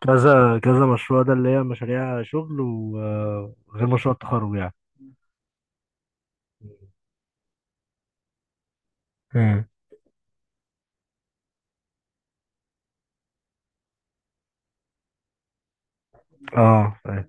كذا كذا مشروع ده، اللي هي مشاريع شغل وغير مشروع التخرج يعني. امم اه طيب.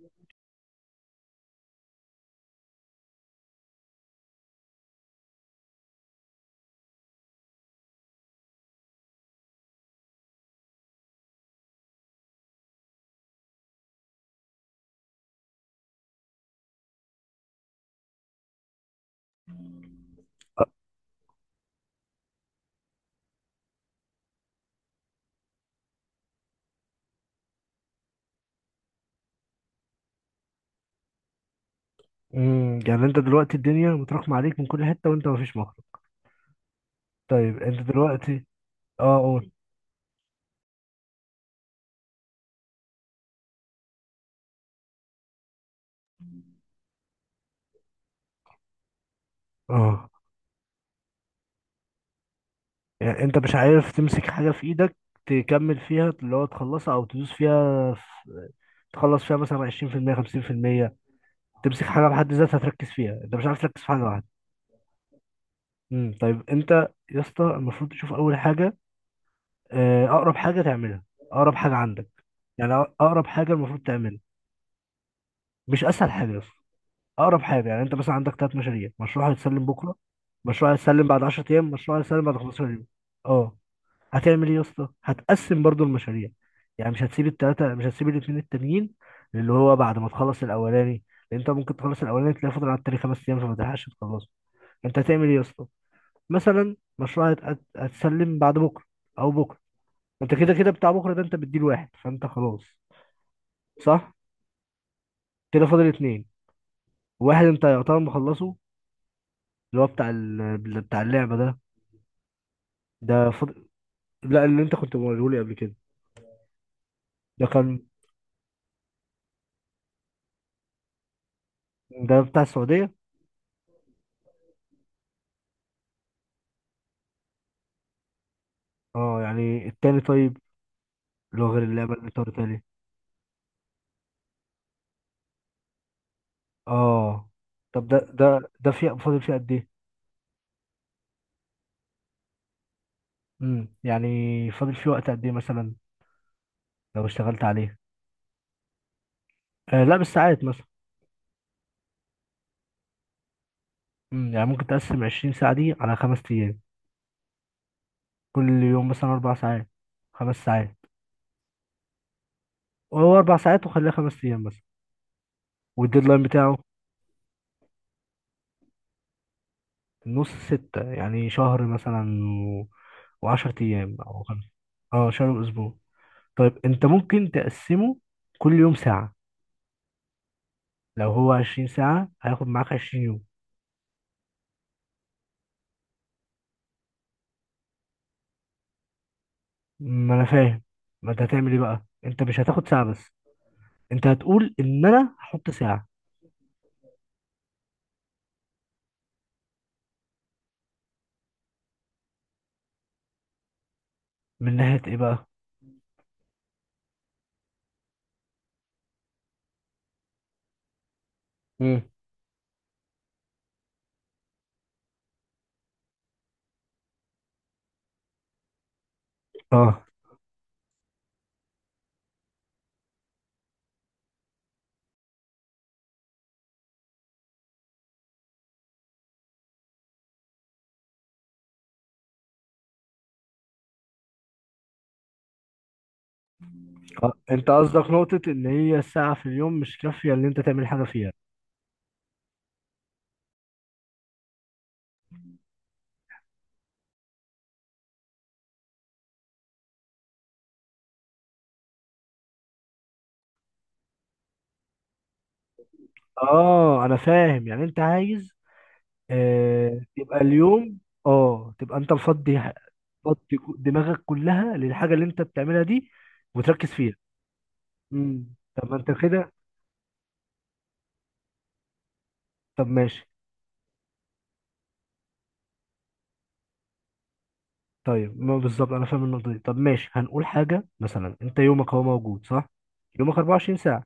يعني انت دلوقتي الدنيا متراكمة عليك من كل حتة وانت مفيش مخرج. طيب انت دلوقتي. اه قول. اه يعني انت مش عارف تمسك حاجة في ايدك، تكمل فيها، اللي هو تخلصها او تدوس فيها في... تخلص فيها مثلا 20%، 50%. تمسك حاجة بحد ذاتها تركز فيها، انت مش عارف تركز في حاجة واحدة. طيب انت، يا اسطى المفروض تشوف اول حاجة، اقرب حاجه تعملها، اقرب حاجه عندك. يعني اقرب حاجه المفروض تعملها. مش اسهل حاجه بس، اقرب حاجه. يعني انت مثلا عندك 3 مشاريع، مشروع هيتسلم بكره، مشروع هيتسلم بعد 10 ايام، مشروع هيتسلم بعد 15 يوم. اه هتعمل ايه يا اسطى؟ هتقسم برضو المشاريع، يعني مش هتسيب الثلاثه، مش هتسيب الاثنين التانيين، اللي هو بعد ما تخلص الاولاني. لان انت ممكن تخلص الاولاني تلاقي فاضل على التاني 5 ايام فما تلحقش تخلصه. انت هتعمل ايه يا اسطى؟ مثلا مشروع هتسلم بعد بكره او بكره، انت كده كده بتاع بكره ده انت بتديله واحد فانت خلاص، صح. كده فاضل اتنين، واحد انت يعتبر مخلصه، اللي هو بتاع ال... بتاع اللعبه ده. ده فاضل، لا اللي انت كنت موريه لي قبل كده. ده كان، ده بتاع السعوديه. اه يعني التاني طيب، اللي هو غير اللعبه اللي انت قلتها لي. اه طب ده في فاضل فيه قد ايه؟ يعني فاضل فيه وقت قد ايه مثلا لو اشتغلت عليه؟ لا بالساعات مثلا. يعني ممكن تقسم 20 ساعه دي على 5 ايام، كل يوم مثلا 4 ساعات، 5 ساعات. هو 4 ساعات، وخليها 5 أيام مثلا. والديدلاين بتاعه، نص ستة يعني شهر مثلا و... وعشر أيام أو خمسة. اه شهر وأسبوع. طيب أنت ممكن تقسمه كل يوم ساعة. لو هو 20 ساعة هياخد معاك 20 يوم. ما أنا فاهم، ما أنت هتعمل إيه بقى؟ أنت مش هتاخد ساعة بس، أنت هتقول إن أنا هحط ساعة. من ناحية إيه بقى؟ امم اه انت قصدك نقطة ان هي الساعة في اليوم مش كافية ان انت تعمل حاجة فيها. اه انا فاهم، يعني انت عايز، يبقى اليوم. اه تبقى انت دماغك كلها للحاجه اللي انت بتعملها دي وتركز فيها. طب ما انت كده، طب ماشي. طيب ما بالظبط انا فاهم النقطه دي. طب ماشي هنقول حاجه مثلا، انت يومك هو موجود صح؟ يومك 24 ساعه،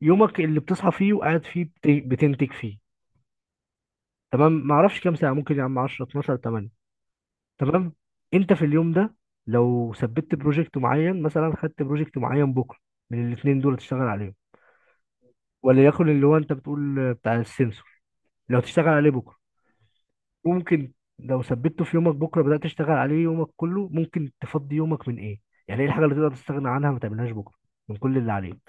يومك اللي بتصحى فيه وقاعد فيه بتنتج فيه. تمام. ما اعرفش كام ساعه، ممكن يا عم 10، 12، 8. تمام. انت في اليوم ده، لو ثبت بروجكت معين مثلا، خدت بروجكت معين بكره من الاثنين دول تشتغل عليهم، وليكن اللي هو انت بتقول بتاع السنسور، لو تشتغل عليه بكره، ممكن لو ثبته في يومك بكره بدأت تشتغل عليه يومك كله، ممكن تفضي يومك من ايه. يعني ايه الحاجه اللي تقدر تستغنى عنها ما تعملهاش بكره من كل اللي عليك،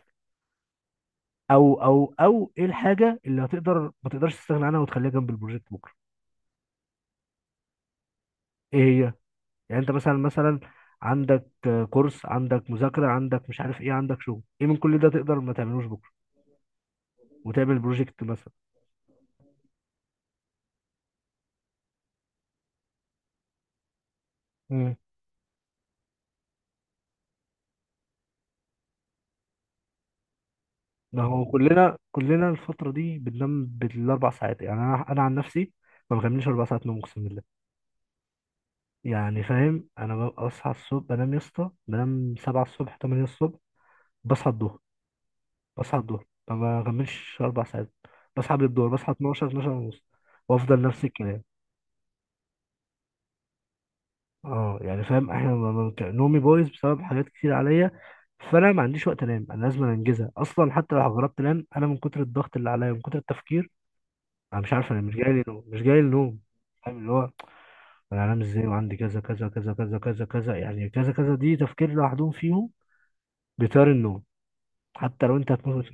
او ايه الحاجه اللي هتقدر ما تقدرش تستغنى عنها وتخليها جنب البروجكت بكره. ايه هي؟ يعني انت مثلا عندك كورس، عندك مذاكره، عندك مش عارف ايه، عندك شغل، ايه من كل ده تقدر ما تعملوش بكره وتعمل بروجكت مثلا؟ ما هو كلنا الفترة دي بننام بالأربع ساعات. يعني أنا عن نفسي ما بكملش 4 ساعات نوم، أقسم بالله. يعني فاهم، أنا ببقى أصحى الصبح، بنام يا اسطى بنام 7 الصبح، 8 الصبح، بصحى الظهر. بصحى الظهر ما بكملش أربع ساعات، بصحى قبل الظهر، بصحى 12، 12 ونص وأفضل نفس الكلام. أه يعني فاهم إحنا نومي بايظ بسبب حاجات كتير عليا، فأنا ما عنديش وقت أنام، أنا لازم أنجزها أصلا. حتى لو جربت أنام، أنا من كتر الضغط اللي عليا، من كتر التفكير، انا مش عارف، انا مش جاي لي نوم، مش جاي لي نوم. فاهم، اللي هو انا هنام ازاي وعندي كذا كذا كذا كذا كذا كذا؟ يعني كذا كذا دي تفكير لوحدهم، فيهم بيطير النوم، حتى لو انت هتموت.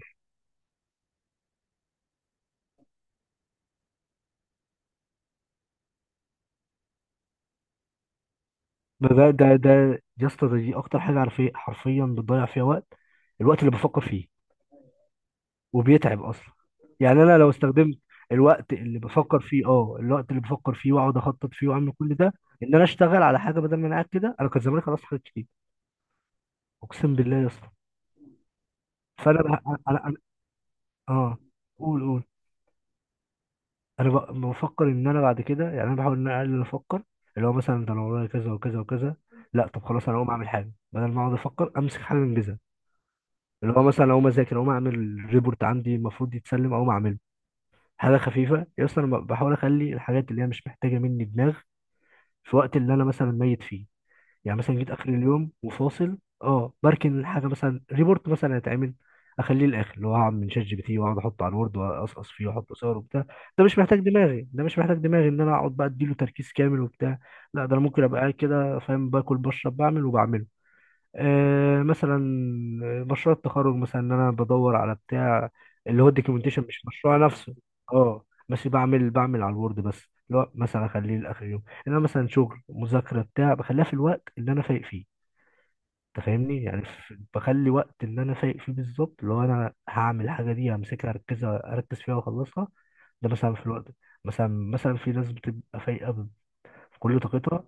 ده يا اسطى، ده دي اكتر حاجه عارف ايه حرفيا بتضيع فيها وقت، الوقت اللي بفكر فيه وبيتعب اصلا. يعني انا لو استخدمت الوقت اللي بفكر فيه، اه الوقت اللي بفكر فيه واقعد اخطط فيه واعمل كل ده، ان انا اشتغل على حاجه بدل ما انا قاعد كده، انا كان زماني خلاص حاجات كتير. اقسم بالله يا اسطى. فانا اه قول انا بفكر ان انا بعد كده، يعني انا بحاول ان انا اقلل افكر، اللي هو مثلا ده انا ورايا كذا وكذا وكذا. لا طب خلاص انا اقوم اعمل حاجه، بدل ما اقعد افكر امسك حاجه انجزها. اللي هو مثلا اقوم اذاكر، اقوم اعمل ريبورت عندي المفروض يتسلم، اقوم اعمله. حاجه خفيفه يا اسطى، انا بحاول اخلي الحاجات اللي هي مش محتاجه مني دماغ في وقت اللي انا مثلا ميت فيه. يعني مثلا جيت اخر اليوم وفاصل، اه بركن الحاجه مثلا، ريبورت مثلا هيتعمل، اخليه الاخر، اللي هو هعمل من شات جي بي تي واقعد احطه على الوورد واقصقص فيه واحط صور وبتاع. ده مش محتاج دماغي، ده مش محتاج دماغي ان انا اقعد بقى اديله تركيز كامل وبتاع. لا ده انا ممكن ابقى قاعد كده فاهم، باكل بشرب بعمل وبعمله. مثلا مشروع التخرج مثلا، ان انا بدور على بتاع اللي هو الدوكيومنتيشن، مش مشروع نفسه. اه بس بعمل على الوورد بس، اللي هو مثلا اخليه لاخر يوم. انا مثلا شغل مذاكره بتاع، بخليها في الوقت اللي انا فايق فيه. انت فاهمني يعني بخلي وقت اللي انا فايق فيه بالظبط، اللي هو انا هعمل الحاجه دي، همسكها اركزها، اركز فيها واخلصها. ده مثلا في الوقت ده. مثلا في ناس بتبقى فايقه في كل طاقتها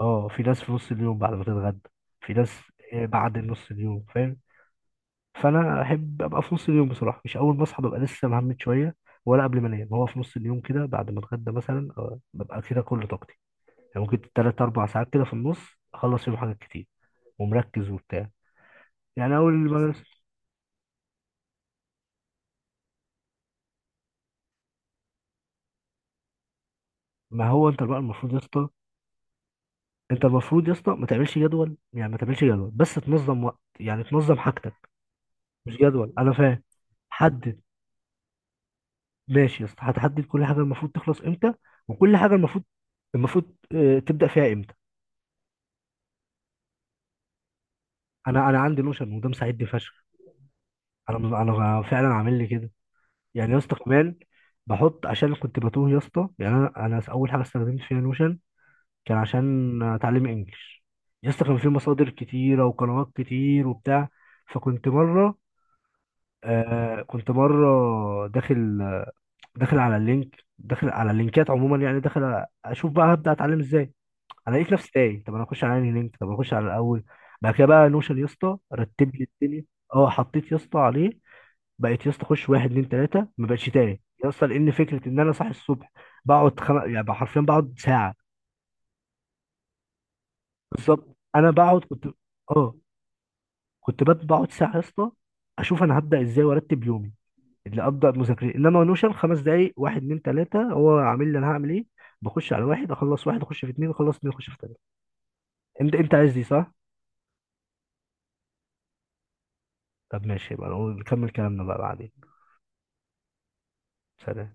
اه في ناس في نص اليوم بعد ما تتغدى، في ناس بعد نص اليوم، فاهم؟ فانا احب ابقى في نص اليوم بصراحه، مش اول ما اصحى ببقى لسه مهمت شويه، ولا قبل ما انام، هو في نص اليوم كده بعد ما اتغدى مثلا، ببقى كده كل طاقتي، يعني ممكن تلات اربع ساعات كده في النص اخلص فيهم حاجات كتير ومركز وبتاع. يعني اول ما بس. ما هو انت بقى المفروض يا اسطى، انت المفروض يا اسطى ما تعملش جدول، يعني ما تعملش جدول بس تنظم وقت، يعني تنظم حاجتك. مش جدول انا فاهم. حدد. ماشي يا اسطى، هتحدد كل حاجه المفروض تخلص امتى، وكل حاجه المفروض تبدا فيها امتى. انا عندي نوشن وده مساعدني فشخ. انا فعلا عامل لي كده. يعني يا اسطى كمان بحط عشان كنت بتوه يا اسطى، يعني انا اول حاجه استخدمت فيها نوشن كان عشان اتعلم انجلش. يا اسطى كان في مصادر كتيره وقنوات كتير وبتاع. فكنت مره كنت مره داخل، داخل على اللينك، داخل على اللينكات عموما، يعني داخل اشوف بقى هبدا اتعلم ازاي. انا لقيت نفسي تايه، طب انا اخش على انهي لينك، طب اخش على الاول. بعد كده بقى نوشن يا اسطى رتب لي الدنيا. اه حطيت يا اسطى عليه، بقيت يا اسطى اخش واحد اتنين تلاته، ما بقتش تاني يا اسطى، لان فكره ان انا صاحي الصبح بقعد يعني بقى حرفيا بقعد ساعه. بالظبط. انا بقعد كنت اه كنت بقعد، بقعد ساعه يا اسطى اشوف انا هبدا ازاي وارتب يومي، اللي ابدا مذاكرة، انما نوشن 5 دقائق، واحد اتنين تلاته هو عامل لي انا هعمل ايه. بخش على واحد اخلص واحد، اخش في اتنين اخلص اتنين، اخش في تلاته. انت عايز دي، صح؟ طب ماشي يبقى نكمل كلامنا بقى بعدين. سلام.